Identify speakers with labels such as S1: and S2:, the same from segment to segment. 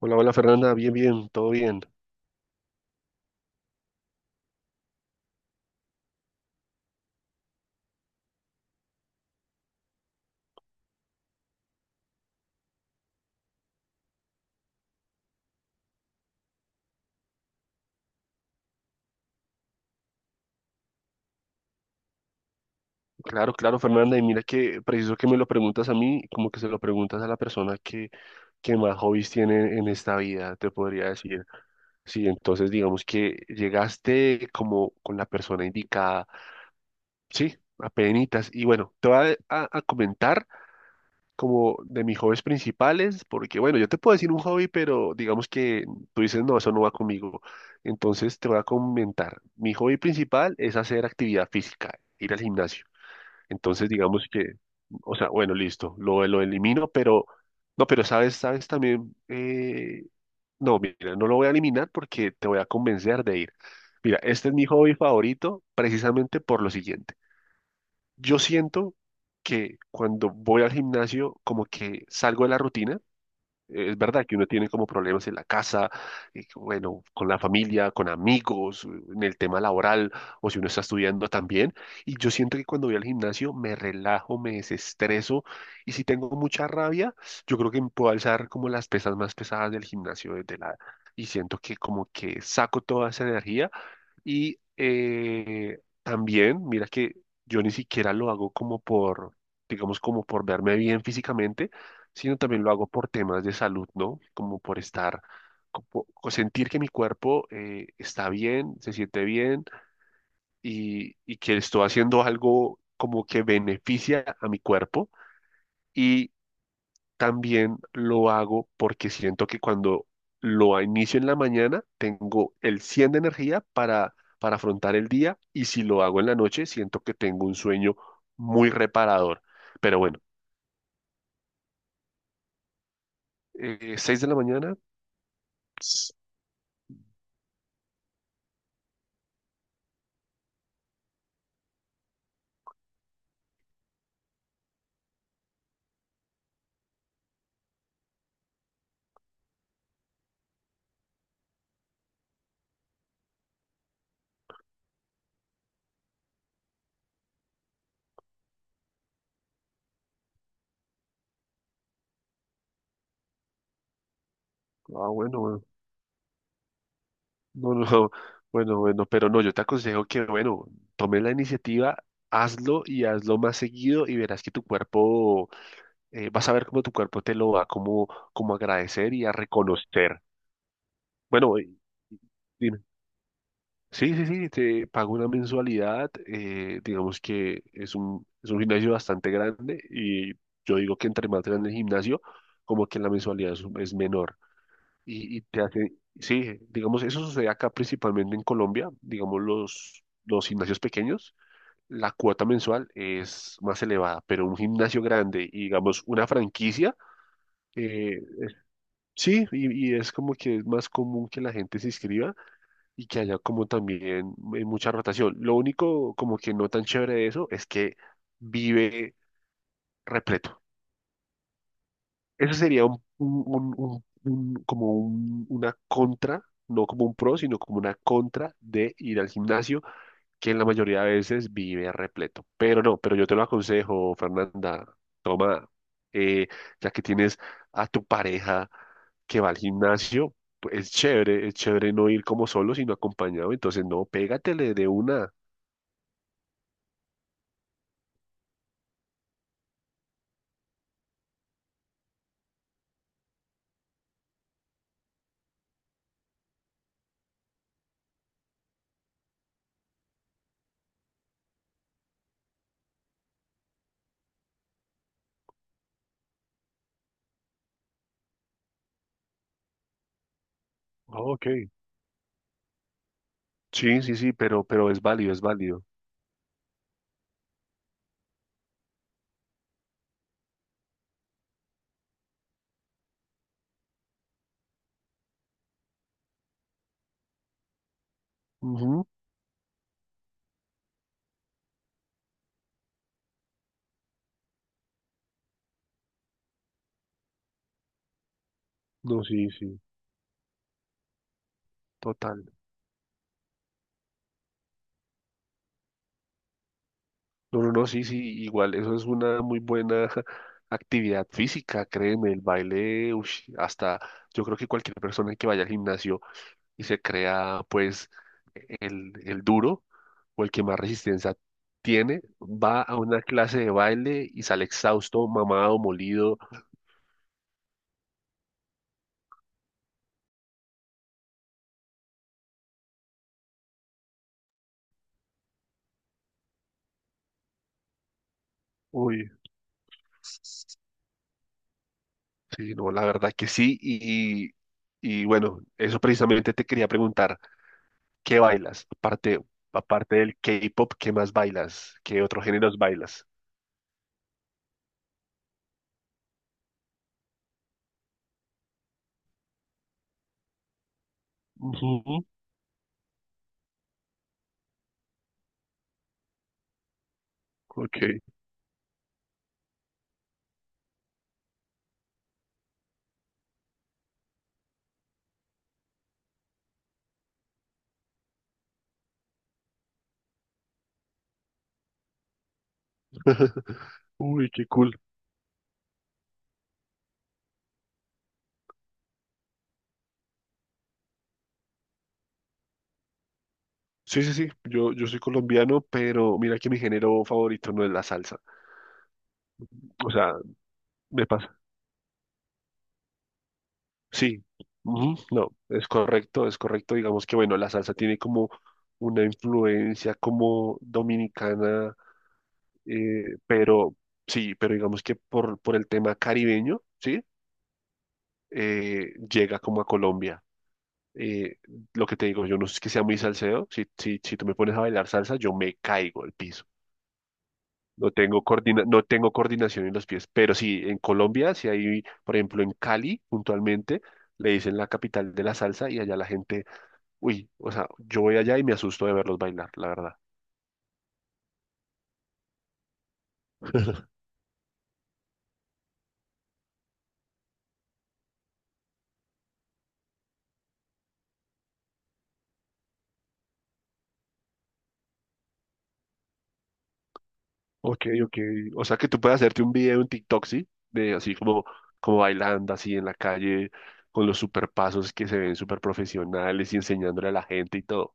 S1: Hola, hola Fernanda, bien, bien, todo bien. Claro, claro Fernanda, y mira que preciso que me lo preguntas a mí, como que se lo preguntas a la persona que más hobbies tiene en esta vida, te podría decir. Sí, entonces digamos que llegaste como con la persona indicada, sí, apenitas. Y bueno, te voy a, a comentar como de mis hobbies principales, porque bueno, yo te puedo decir un hobby, pero digamos que tú dices, no, eso no va conmigo. Entonces te voy a comentar, mi hobby principal es hacer actividad física, ir al gimnasio. Entonces digamos que, o sea, bueno, listo, lo elimino, pero no, pero sabes, sabes también, no, mira, no lo voy a eliminar porque te voy a convencer de ir. Mira, este es mi hobby favorito precisamente por lo siguiente. Yo siento que cuando voy al gimnasio, como que salgo de la rutina. Es verdad que uno tiene como problemas en la casa, bueno, con la familia, con amigos, en el tema laboral, o si uno está estudiando también. Y yo siento que cuando voy al gimnasio me relajo, me desestreso. Y si tengo mucha rabia, yo creo que puedo alzar como las pesas más pesadas del gimnasio desde la... Y siento que como que saco toda esa energía y también, mira que yo ni siquiera lo hago como por, digamos, como por verme bien físicamente, sino también lo hago por temas de salud, ¿no? Como por estar, como, o sentir que mi cuerpo está bien, se siente bien y que estoy haciendo algo como que beneficia a mi cuerpo. Y también lo hago porque siento que cuando lo inicio en la mañana, tengo el 100 de energía para afrontar el día y si lo hago en la noche, siento que tengo un sueño muy reparador. Pero bueno, 6 de la mañana, ps, ah, bueno, bueno, no, no, bueno, bueno, pero no, yo te aconsejo que, bueno, tome la iniciativa. Hazlo y hazlo más seguido y verás que tu cuerpo, vas a ver cómo tu cuerpo te lo va como, como a agradecer y a reconocer. Bueno, y- dime. Sí, sí, sí, te pago una mensualidad, digamos que es un gimnasio bastante grande y yo digo que entre más grande el gimnasio, como que la mensualidad es menor. Y te hace, sí, digamos, eso sucede acá principalmente en Colombia, digamos, los gimnasios pequeños, la cuota mensual es más elevada, pero un gimnasio grande y digamos una franquicia, eh, sí, y es como que es más común que la gente se inscriba. Y que haya como también mucha rotación. Lo único como que no tan chévere de eso es que vive repleto. Eso sería un, como una contra, no como un pro, sino como una contra de ir al gimnasio, que en la mayoría de veces vive repleto. Pero no, pero yo te lo aconsejo, Fernanda, toma, eh, ya que tienes a tu pareja que va al gimnasio, pues, es chévere no ir como solo, sino acompañado. Entonces, no, pégatele de una. Oh, ok. Sí, sí, sí, pero es válido, es válido. Ujú. No, sí, sí, total. No, no, no, sí, sí, igual, eso es una muy buena actividad física, créeme, el baile, ush, hasta yo creo que cualquier persona que vaya al gimnasio y se crea, pues, el duro o el que más resistencia tiene, va a una clase de baile y sale exhausto, mamado, molido. Uy. Sí, no, la verdad que sí. Y bueno, eso precisamente te quería preguntar, ¿qué bailas? Aparte, aparte del K-pop, ¿qué más bailas? ¿Qué otros géneros bailas? Ujú, ok. Uy, qué cool. Sí, sí, sí. Yo soy colombiano, pero mira que mi género favorito no es la salsa. O sea, me pasa. Sí. Ujú, no, es correcto, es correcto. Digamos que bueno, la salsa tiene como una influencia como dominicana. Pero sí, pero digamos que por el tema caribeño, ¿sí? Llega como a Colombia. Eh, lo que te digo, yo no es que sea muy salseo. Si, si, si tú me pones a bailar salsa, yo me caigo al piso. No tengo no tengo coordinación en los pies. Pero sí, en Colombia, si hay, por ejemplo, en Cali, puntualmente, le dicen la capital de la salsa y allá la gente, uy, o sea, yo voy allá y me asusto de verlos bailar, la verdad. Ok, ok. O sea que tú puedes hacerte un video en TikTok, ¿sí? De así como, como bailando así en la calle, con los super pasos que se ven súper profesionales y enseñándole a la gente y todo.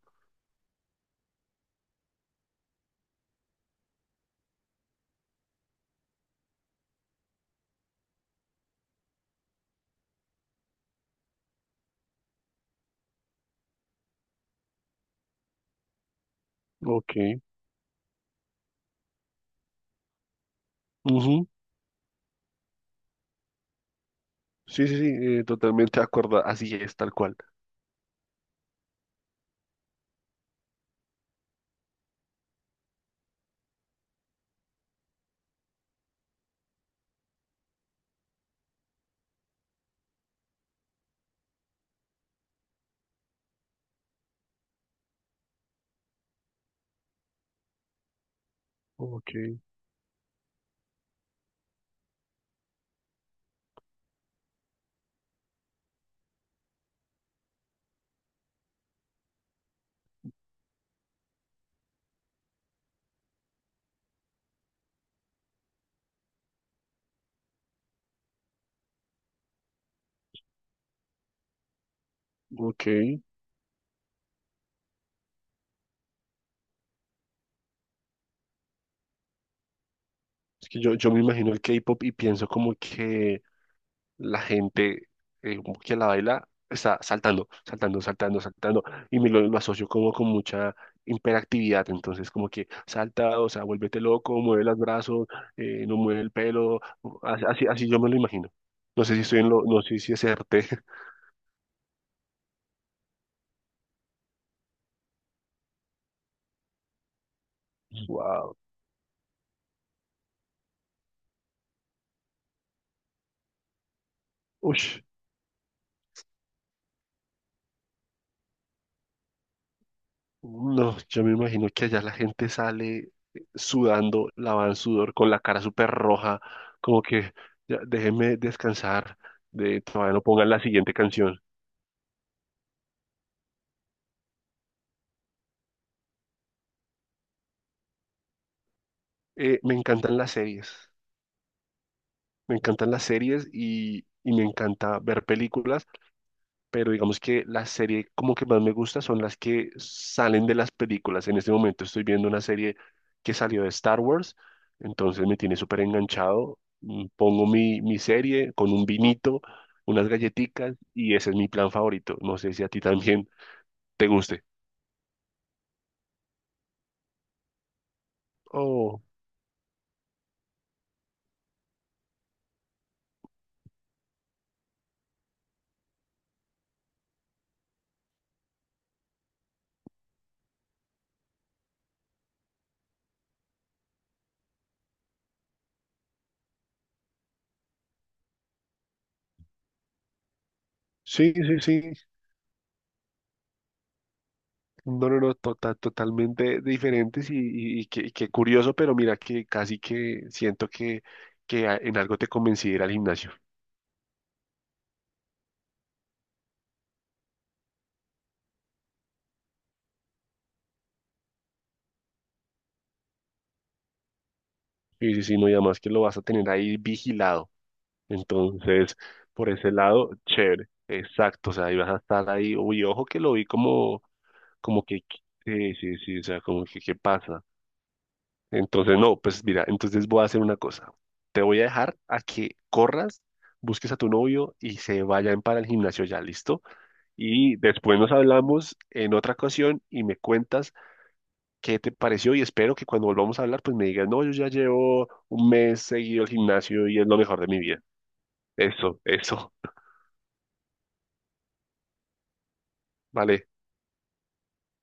S1: Ok. Ujú. Sí, sí, sí, totalmente de acuerdo. Así es, tal cual. Ok, ok. Es que yo me imagino el K-pop y pienso como que la gente eh, que la baila está saltando, saltando, saltando, saltando, y me lo asocio como con mucha hiperactividad, entonces como que salta, o sea, vuélvete loco, mueve los brazos, no mueve el pelo, así, así, así yo me lo imagino. No sé si estoy en lo, no sé si acerté. Wow. Ush. No, yo me imagino que allá la gente sale sudando, lavan sudor, con la cara súper roja, como que ya, déjenme descansar, de, todavía no pongan la siguiente canción. Me encantan las series, me encantan las series y me encanta ver películas, pero digamos que la serie como que más me gusta son las que salen de las películas. En este momento estoy viendo una serie que salió de Star Wars, entonces me tiene súper enganchado. Mm, pongo mi, mi serie con un vinito, unas galletitas y ese es mi plan favorito. No sé si a ti también te guste. Oh, sí, sí, sí. No, no, no, totalmente diferentes y, y qué curioso, pero mira que casi que siento que en algo te convencí de ir al gimnasio. Sí, sí, sí, no, y además que lo vas a tener ahí vigilado. Entonces, por ese lado, chévere, exacto, o sea, ibas a estar ahí, uy, ojo que lo vi como, como que, sí, sí, sí, o sea, como que, ¿qué pasa? Entonces, no, pues mira, entonces voy a hacer una cosa. Te voy a dejar a que corras, busques a tu novio y se vayan para el gimnasio ya, ¿listo? Y después nos hablamos en otra ocasión y me cuentas qué te pareció y espero que cuando volvamos a hablar pues me digas, no, yo ya llevo 1 mes seguido al gimnasio y es lo mejor de mi vida. Eso, vale.